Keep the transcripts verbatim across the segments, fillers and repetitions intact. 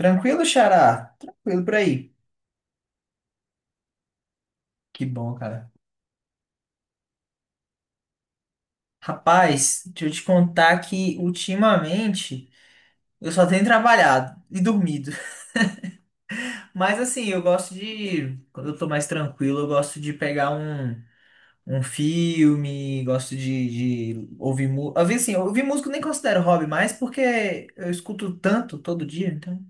Tranquilo, Xará? Tranquilo por aí. Que bom, cara. Rapaz, deixa eu te contar que ultimamente eu só tenho trabalhado e dormido. Mas assim, eu gosto de. Quando eu tô mais tranquilo, eu gosto de pegar um, um filme, gosto de, de ouvir música. Às vezes, assim, ouvir música eu nem considero hobby mais porque eu escuto tanto todo dia, então.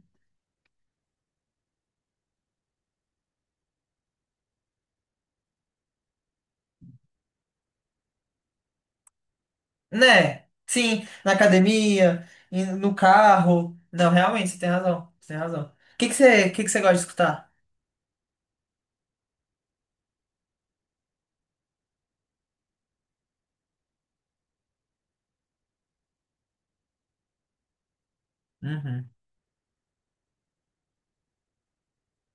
Né? Sim, na academia, em- no carro. Não, realmente, você tem razão. Você tem razão. O que que você, o que que você gosta de escutar? Uhum.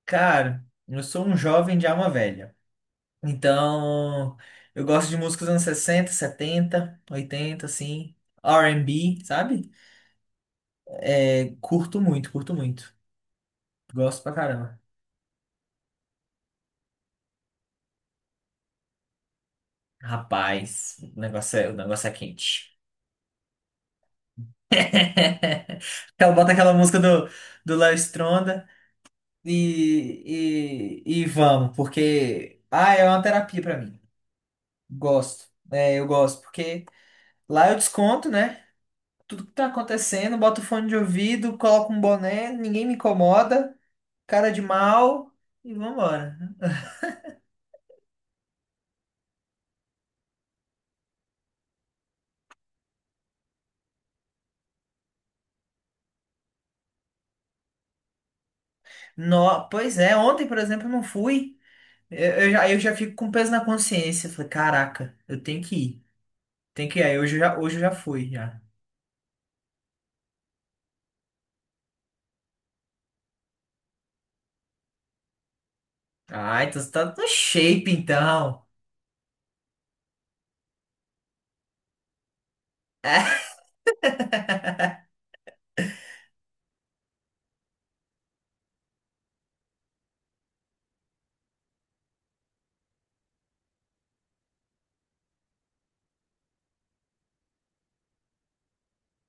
Cara, eu sou um jovem de alma velha. Então, eu gosto de músicas dos anos sessenta, setenta, oitenta, assim. R e B, sabe? É, curto muito, curto muito. Gosto pra caramba. Rapaz, o negócio é, o negócio é quente. Ela bota aquela música do, do Léo Stronda e, e, e vamos, porque. Ah, é uma terapia pra mim. Gosto. É, eu gosto, porque lá eu desconto, né? Tudo que tá acontecendo, boto fone de ouvido, coloco um boné, ninguém me incomoda, cara de mal e vambora. No, pois é, ontem, por exemplo, eu não fui. Eu, eu já, eu já fico com peso na consciência. Falei, caraca, eu tenho que ir. Tem que ir. Aí hoje eu já, hoje eu já fui, já. Ah, então você tá no shape, então. É.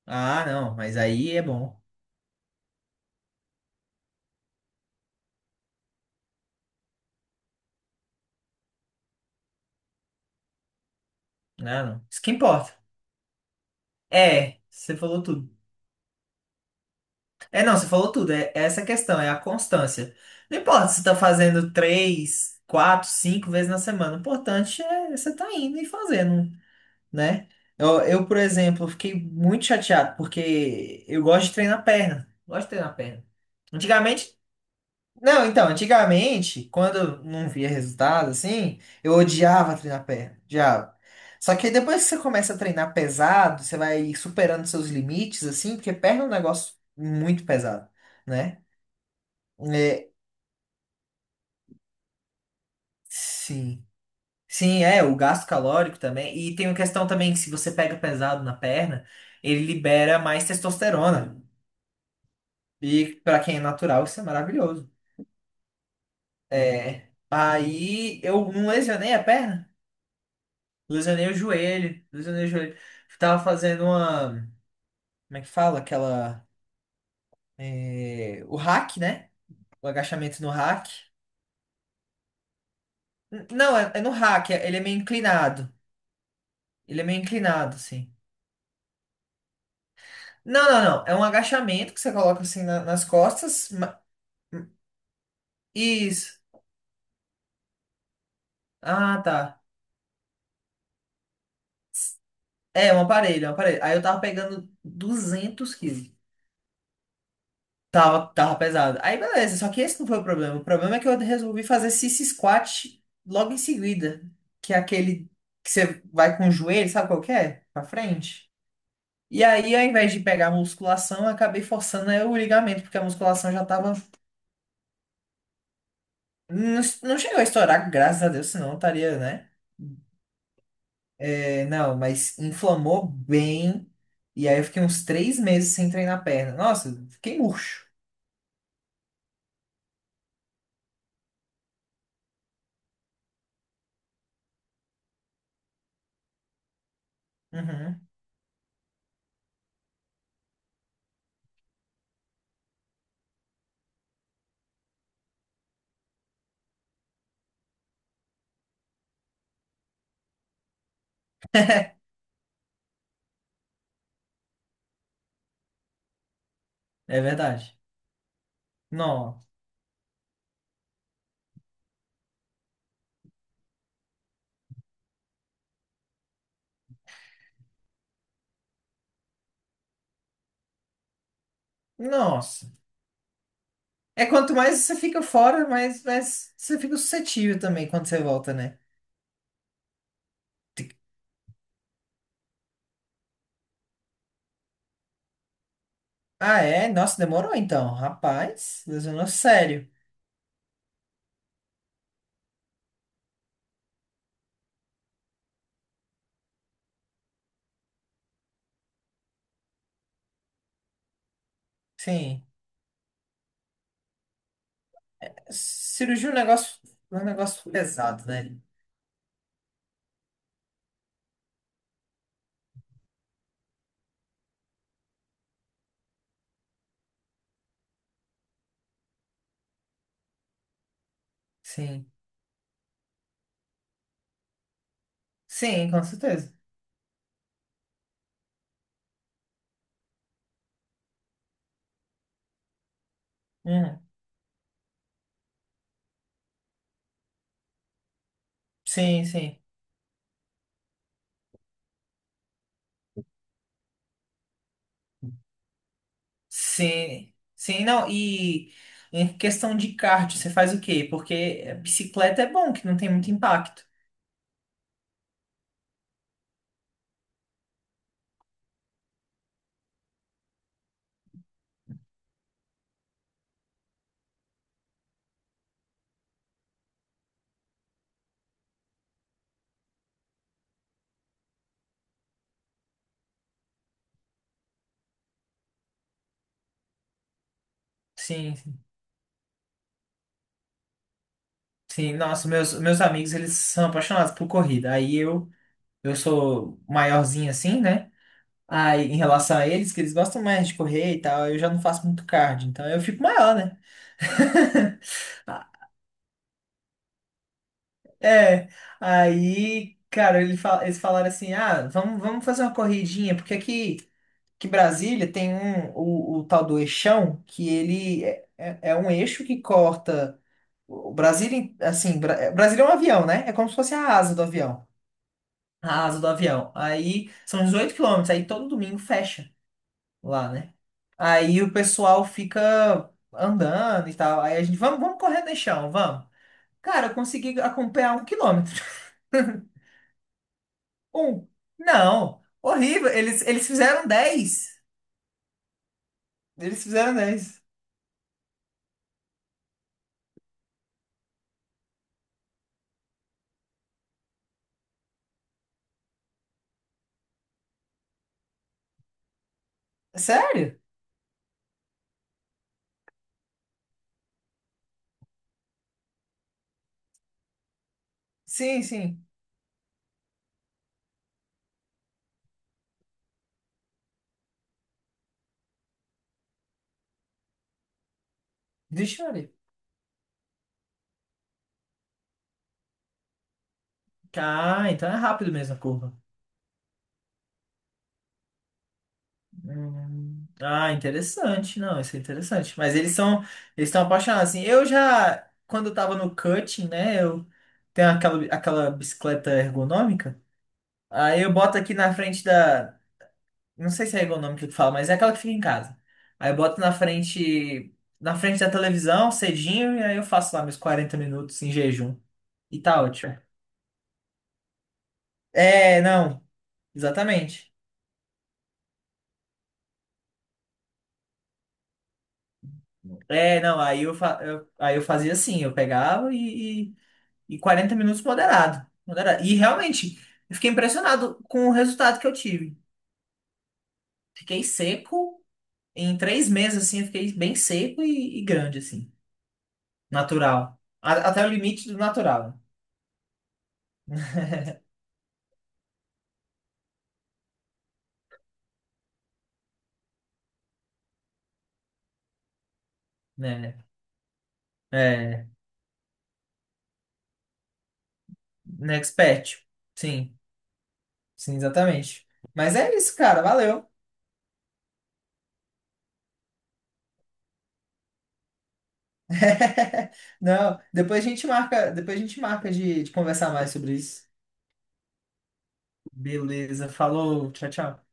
Ah, não, mas aí é bom. Ah, não. Isso que importa. É, você falou tudo. É, não, você falou tudo. É é essa questão, é a constância. Não importa se você tá fazendo três, quatro, cinco vezes na semana. O importante é você tá indo e fazendo, né? Eu, eu, por exemplo, fiquei muito chateado porque eu gosto de treinar perna. Gosto de treinar perna. Antigamente não, então, antigamente, quando eu não via resultado, assim, eu odiava treinar perna, odiava. Só que aí depois que você começa a treinar pesado, você vai superando seus limites, assim, porque perna é um negócio muito pesado, né? É, sim. Sim, é, o gasto calórico também. E tem uma questão também que se você pega pesado na perna, ele libera mais testosterona. E pra quem é natural, isso é maravilhoso. É. Aí eu não lesionei a perna. Lesionei o joelho, lesionei o joelho. Tava fazendo uma. Como é que fala? Aquela. É, o hack, né? O agachamento no hack. N- Não, é, é no hack, é- ele é meio inclinado. Ele é meio inclinado, assim. Não, não, não. É um agachamento que você coloca assim na- nas costas. ma- Isso. Ah, tá. É, um aparelho, é um aparelho. Aí eu tava pegando duzentos quilos. Tava, tava pesado. Aí beleza, só que esse não foi o problema. O problema é que eu resolvi fazer sissy squat logo em seguida, que é aquele que você vai com o joelho, sabe qual que é? Pra frente. E aí, ao invés de pegar a musculação, eu acabei forçando né, o ligamento, porque a musculação já tava. Não, não chegou a estourar, graças a Deus, senão eu estaria, né? É, não, mas inflamou bem. E aí eu fiquei uns três meses sem treinar a perna. Nossa, fiquei murcho. Uhum, é verdade. Nossa. Nossa. É quanto mais você fica fora, mais, mais você fica suscetível também quando você volta, né? Ah, é? Nossa, demorou então. Rapaz, lesionou sério. Sim. Cirurgia é um negócio, é um negócio pesado, né? Sim. Sim, com certeza. Uhum. Sim, sim. Sim. Sim, não. E em questão de cardio, você faz o quê? Porque bicicleta é bom, que não tem muito impacto. Sim, sim. Sim, Nossa, meus, meus amigos, eles são apaixonados por corrida. Aí eu. Eu sou maiorzinho assim, né? Aí, em relação a eles, que eles gostam mais de correr e tal, eu já não faço muito cardio, então eu fico maior, né? É, aí, cara, ele fa- eles falaram assim, ah, vamos, vamos fazer uma corridinha, porque aqui que Brasília tem um, o, o tal do eixão, que ele é, é- é um eixo que corta o Brasília, em- assim, Bra- é, Brasília é um avião, né? É como se fosse a asa do avião, a asa do avião. Aí são dezoito quilômetros, aí todo domingo fecha. Lá, né? Aí o pessoal fica andando e tal. Aí a gente, vamos, vamos correr no chão, vamos. Cara, eu consegui acompanhar um quilômetro. Um. Não. Horrível. Eles, eles fizeram dez. Eles fizeram dez. Sério? Sim, sim. Deixa eu ver. Ah, então é rápido mesmo a curva. Hum. Ah, interessante. Não, isso é interessante. Mas eles são, eles estão apaixonados. Assim, eu já, quando eu tava no cutting, né? Eu tenho aquela, aquela bicicleta ergonômica. Aí eu boto aqui na frente da. Não sei se é ergonômica que fala, mas é aquela que fica em casa. Aí eu boto na frente. Na frente da televisão, cedinho, e aí eu faço lá meus quarenta minutos em jejum. E tá ótimo. É, não, exatamente. É, não, aí eu, fa- eu- aí eu fazia assim, eu pegava e, e, e quarenta minutos moderado, moderado. E realmente, eu fiquei impressionado com o resultado que eu tive. Fiquei seco, em três meses, assim, eu fiquei bem seco e e grande, assim. Natural. A- até o limite do natural, né? É, né, expert. Sim, sim, exatamente. Mas é isso, cara. Valeu. Não, depois a gente marca, depois a gente marca de de conversar mais sobre isso. Beleza, falou, tchau, tchau.